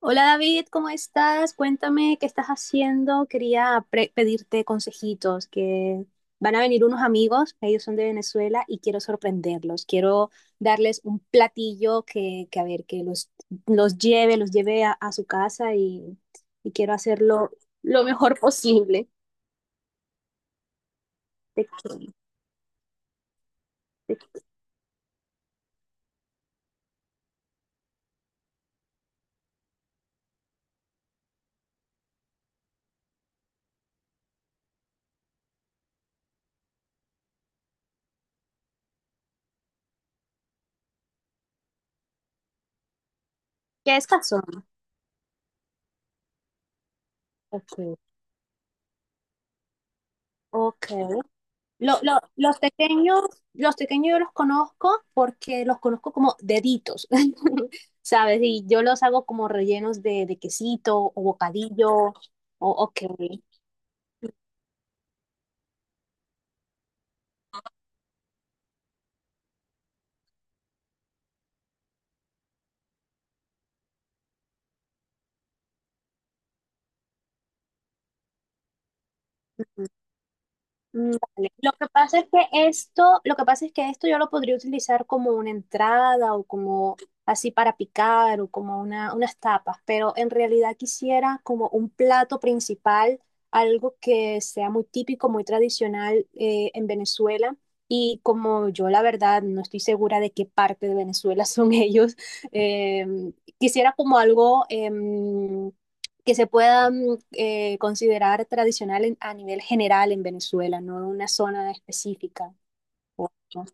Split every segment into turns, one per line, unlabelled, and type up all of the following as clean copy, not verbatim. Hola David, ¿cómo estás? Cuéntame qué estás haciendo. Quería pedirte consejitos, que van a venir unos amigos, ellos son de Venezuela y quiero sorprenderlos. Quiero darles un platillo que a ver, que los lleve a su casa y quiero hacerlo lo mejor posible. ¿De qué? ¿De qué ¿Qué es cazón? Ok, ok. Los pequeños, los pequeños yo los conozco porque los conozco como deditos, ¿sabes? Y yo los hago como rellenos de quesito o bocadillo o ok. Mm, vale. Lo que pasa es que esto, lo que pasa es que esto yo lo podría utilizar como una entrada o como así para picar o como unas tapas, pero en realidad quisiera como un plato principal, algo que sea muy típico, muy tradicional en Venezuela. Y como yo la verdad no estoy segura de qué parte de Venezuela son ellos, em, quisiera como algo que se puedan considerar tradicional a nivel general en Venezuela, no una zona específica. o- ¿No?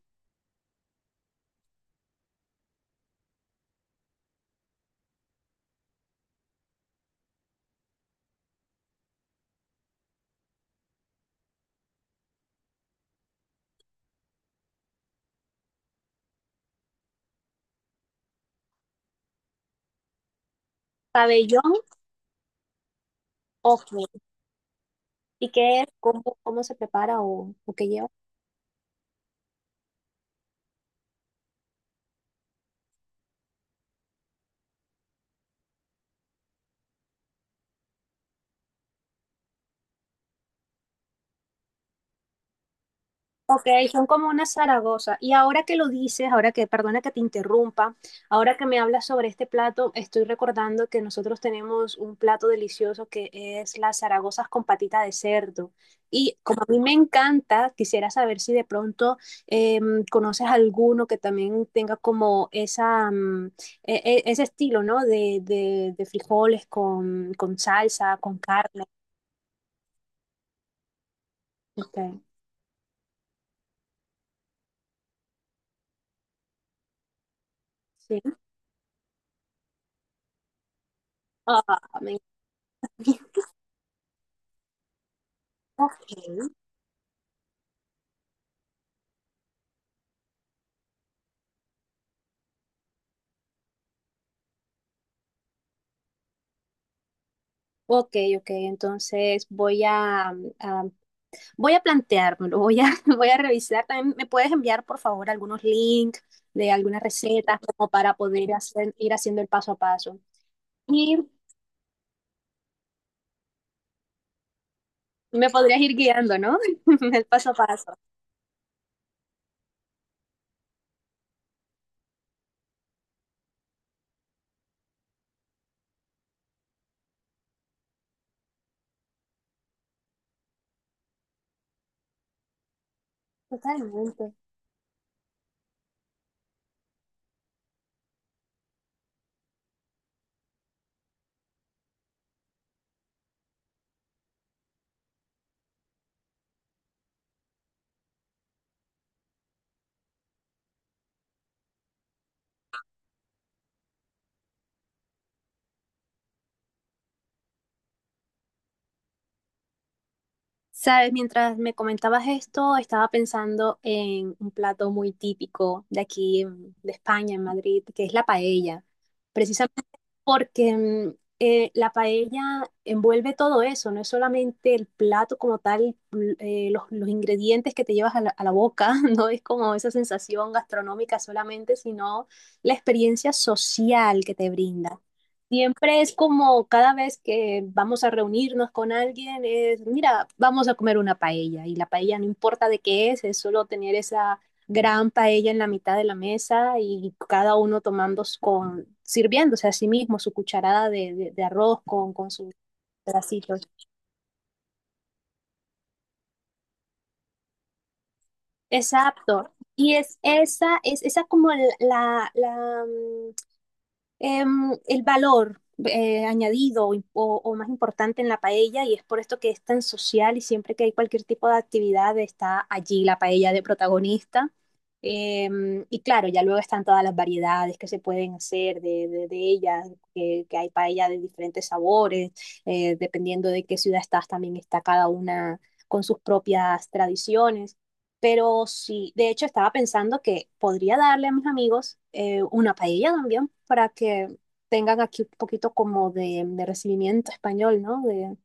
Pabellón, ok. ¿Y qué es? ¿Cómo se prepara o qué lleva? Ok, son como una Zaragoza. Y ahora que lo dices, ahora que, perdona que te interrumpa, ahora que me hablas sobre este plato, estoy recordando que nosotros tenemos un plato delicioso que es las Zaragozas con patita de cerdo. Y como a mí me encanta, quisiera saber si de pronto conoces alguno que también tenga como esa, mm, ese estilo, ¿no? De, de frijoles con salsa, con carne. Ok, sí. Ah, me encanta. Ok. Ok, entonces voy a, voy a planteármelo, voy a, voy a revisar. También me puedes enviar, por favor, algunos links de algunas recetas como para poder hacer, ir haciendo el paso a paso. Y me podrías ir guiando, ¿no? El paso a paso. Totalmente. Sabes, mientras me comentabas esto, estaba pensando en un plato muy típico de aquí, de España, en Madrid, que es la paella. Precisamente porque mm, la paella envuelve todo eso, no es solamente el plato como tal, los ingredientes que te llevas a la boca, no es como esa sensación gastronómica solamente, sino la experiencia social que te brinda. Siempre es como cada vez que vamos a reunirnos con alguien, es, mira, vamos a comer una paella y la paella no importa de qué es solo tener esa gran paella en la mitad de la mesa y cada uno tomando con, sirviéndose a sí mismo su cucharada de, de arroz con sus pedacitos. Exacto. Y es esa como la, la, mm, el valor añadido o más importante en la paella y es por esto que es tan social y siempre que hay cualquier tipo de actividad está allí la paella de protagonista. Em, y claro, ya luego están todas las variedades que se pueden hacer de, de ellas, que hay paella de diferentes sabores, dependiendo de qué ciudad estás, también está cada una con sus propias tradiciones. Pero sí, de hecho estaba pensando que podría darle a mis amigos una paella también para que tengan aquí un poquito como de recibimiento español, ¿no? De,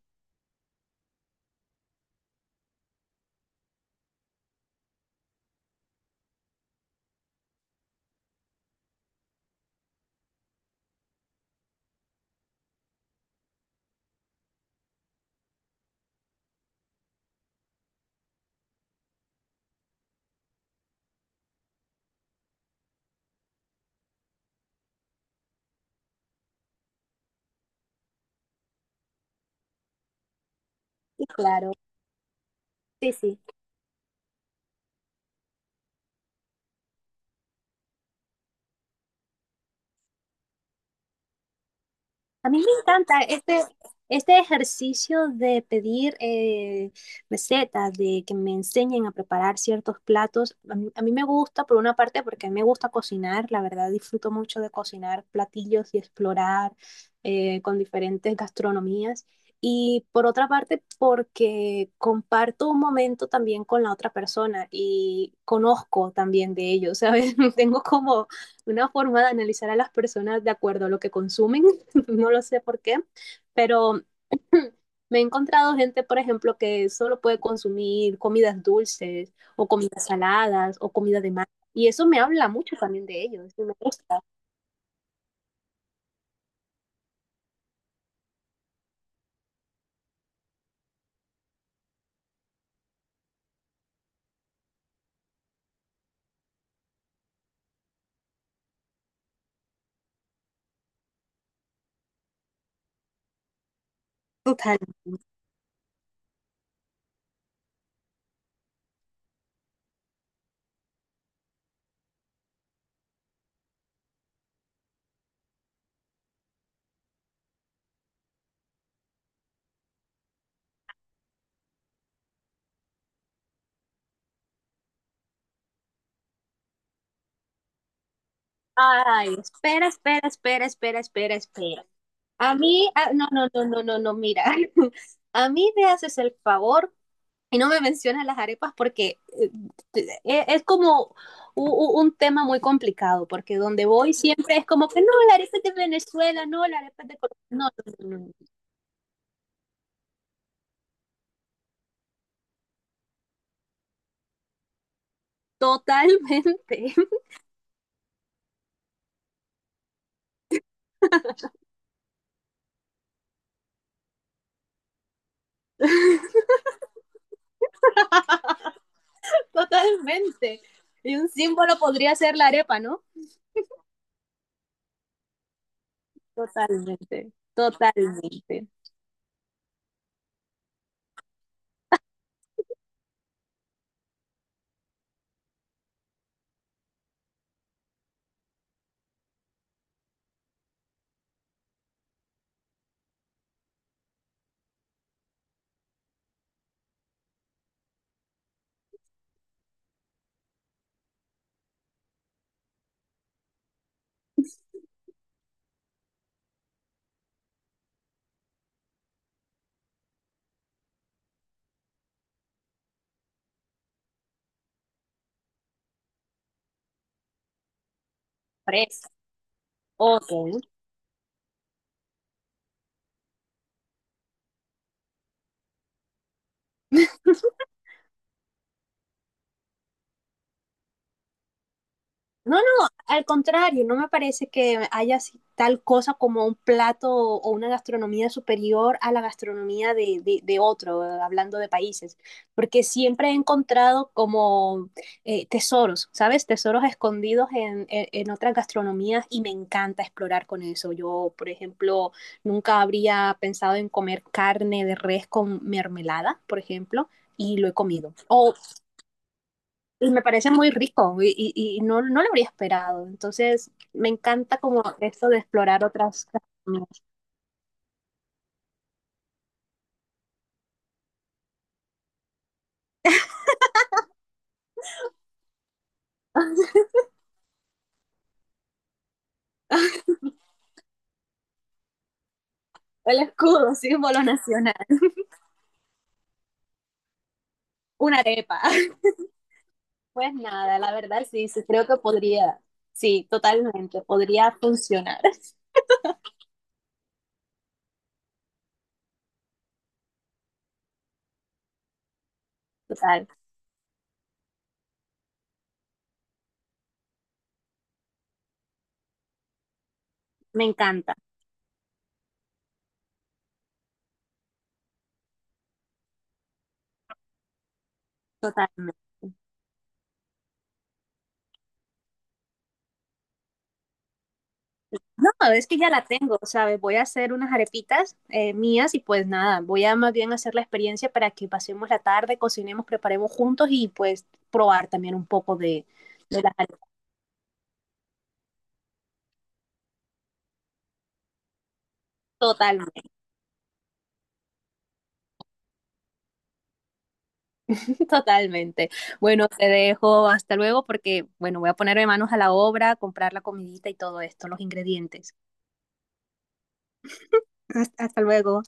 y claro, sí, sí. A mí me encanta este, este ejercicio de pedir recetas, de que me enseñen a preparar ciertos platos. A mí me gusta, por una parte, porque a mí me gusta cocinar, la verdad disfruto mucho de cocinar platillos y explorar con diferentes gastronomías. Y por otra parte, porque comparto un momento también con la otra persona y conozco también de ellos, ¿sabes? Tengo como una forma de analizar a las personas de acuerdo a lo que consumen no lo sé por qué, pero me he encontrado gente, por ejemplo, que solo puede consumir comidas dulces o comidas saladas o comida de mar. Y eso me habla mucho también de ellos y me gusta. Total. Ay, espera, espera, espera, espera, espera, espera. A mí, ah, no, no, no, no, no, no, mira. A mí me haces el favor y no me mencionas las arepas porque es como tema muy complicado, porque donde voy siempre es como que no, la arepa es de Venezuela, no, la arepa es de Colombia. No, no, no, no, no. Totalmente, totalmente. Y un símbolo podría ser la arepa, ¿no? Totalmente, totalmente. Fresa. Ok. No, no, al contrario, no me parece que haya así tal cosa como un plato o una gastronomía superior a la gastronomía de, de otro, hablando de países, porque siempre he encontrado como tesoros, ¿sabes? Tesoros escondidos en, en otras gastronomías y me encanta explorar con eso. Yo, por ejemplo, nunca habría pensado en comer carne de res con mermelada, por ejemplo, y lo he comido. O y me parece muy rico y no, no lo habría esperado. Entonces, me encanta como esto de explorar otras gastronomías. El escudo, símbolo nacional. Una arepa. Pues nada, la verdad sí, sí, creo que podría, sí, totalmente, podría funcionar. Total, me encanta, totalmente. No, es que ya la tengo, ¿sabes? Voy a hacer unas arepitas mías y pues nada, voy a más bien hacer la experiencia para que pasemos la tarde, cocinemos, preparemos juntos y pues probar también un poco de las arepas. Totalmente, totalmente. Bueno, te dejo hasta luego porque, bueno, voy a ponerme manos a la obra, comprar la comidita y todo esto, los ingredientes. Hasta luego.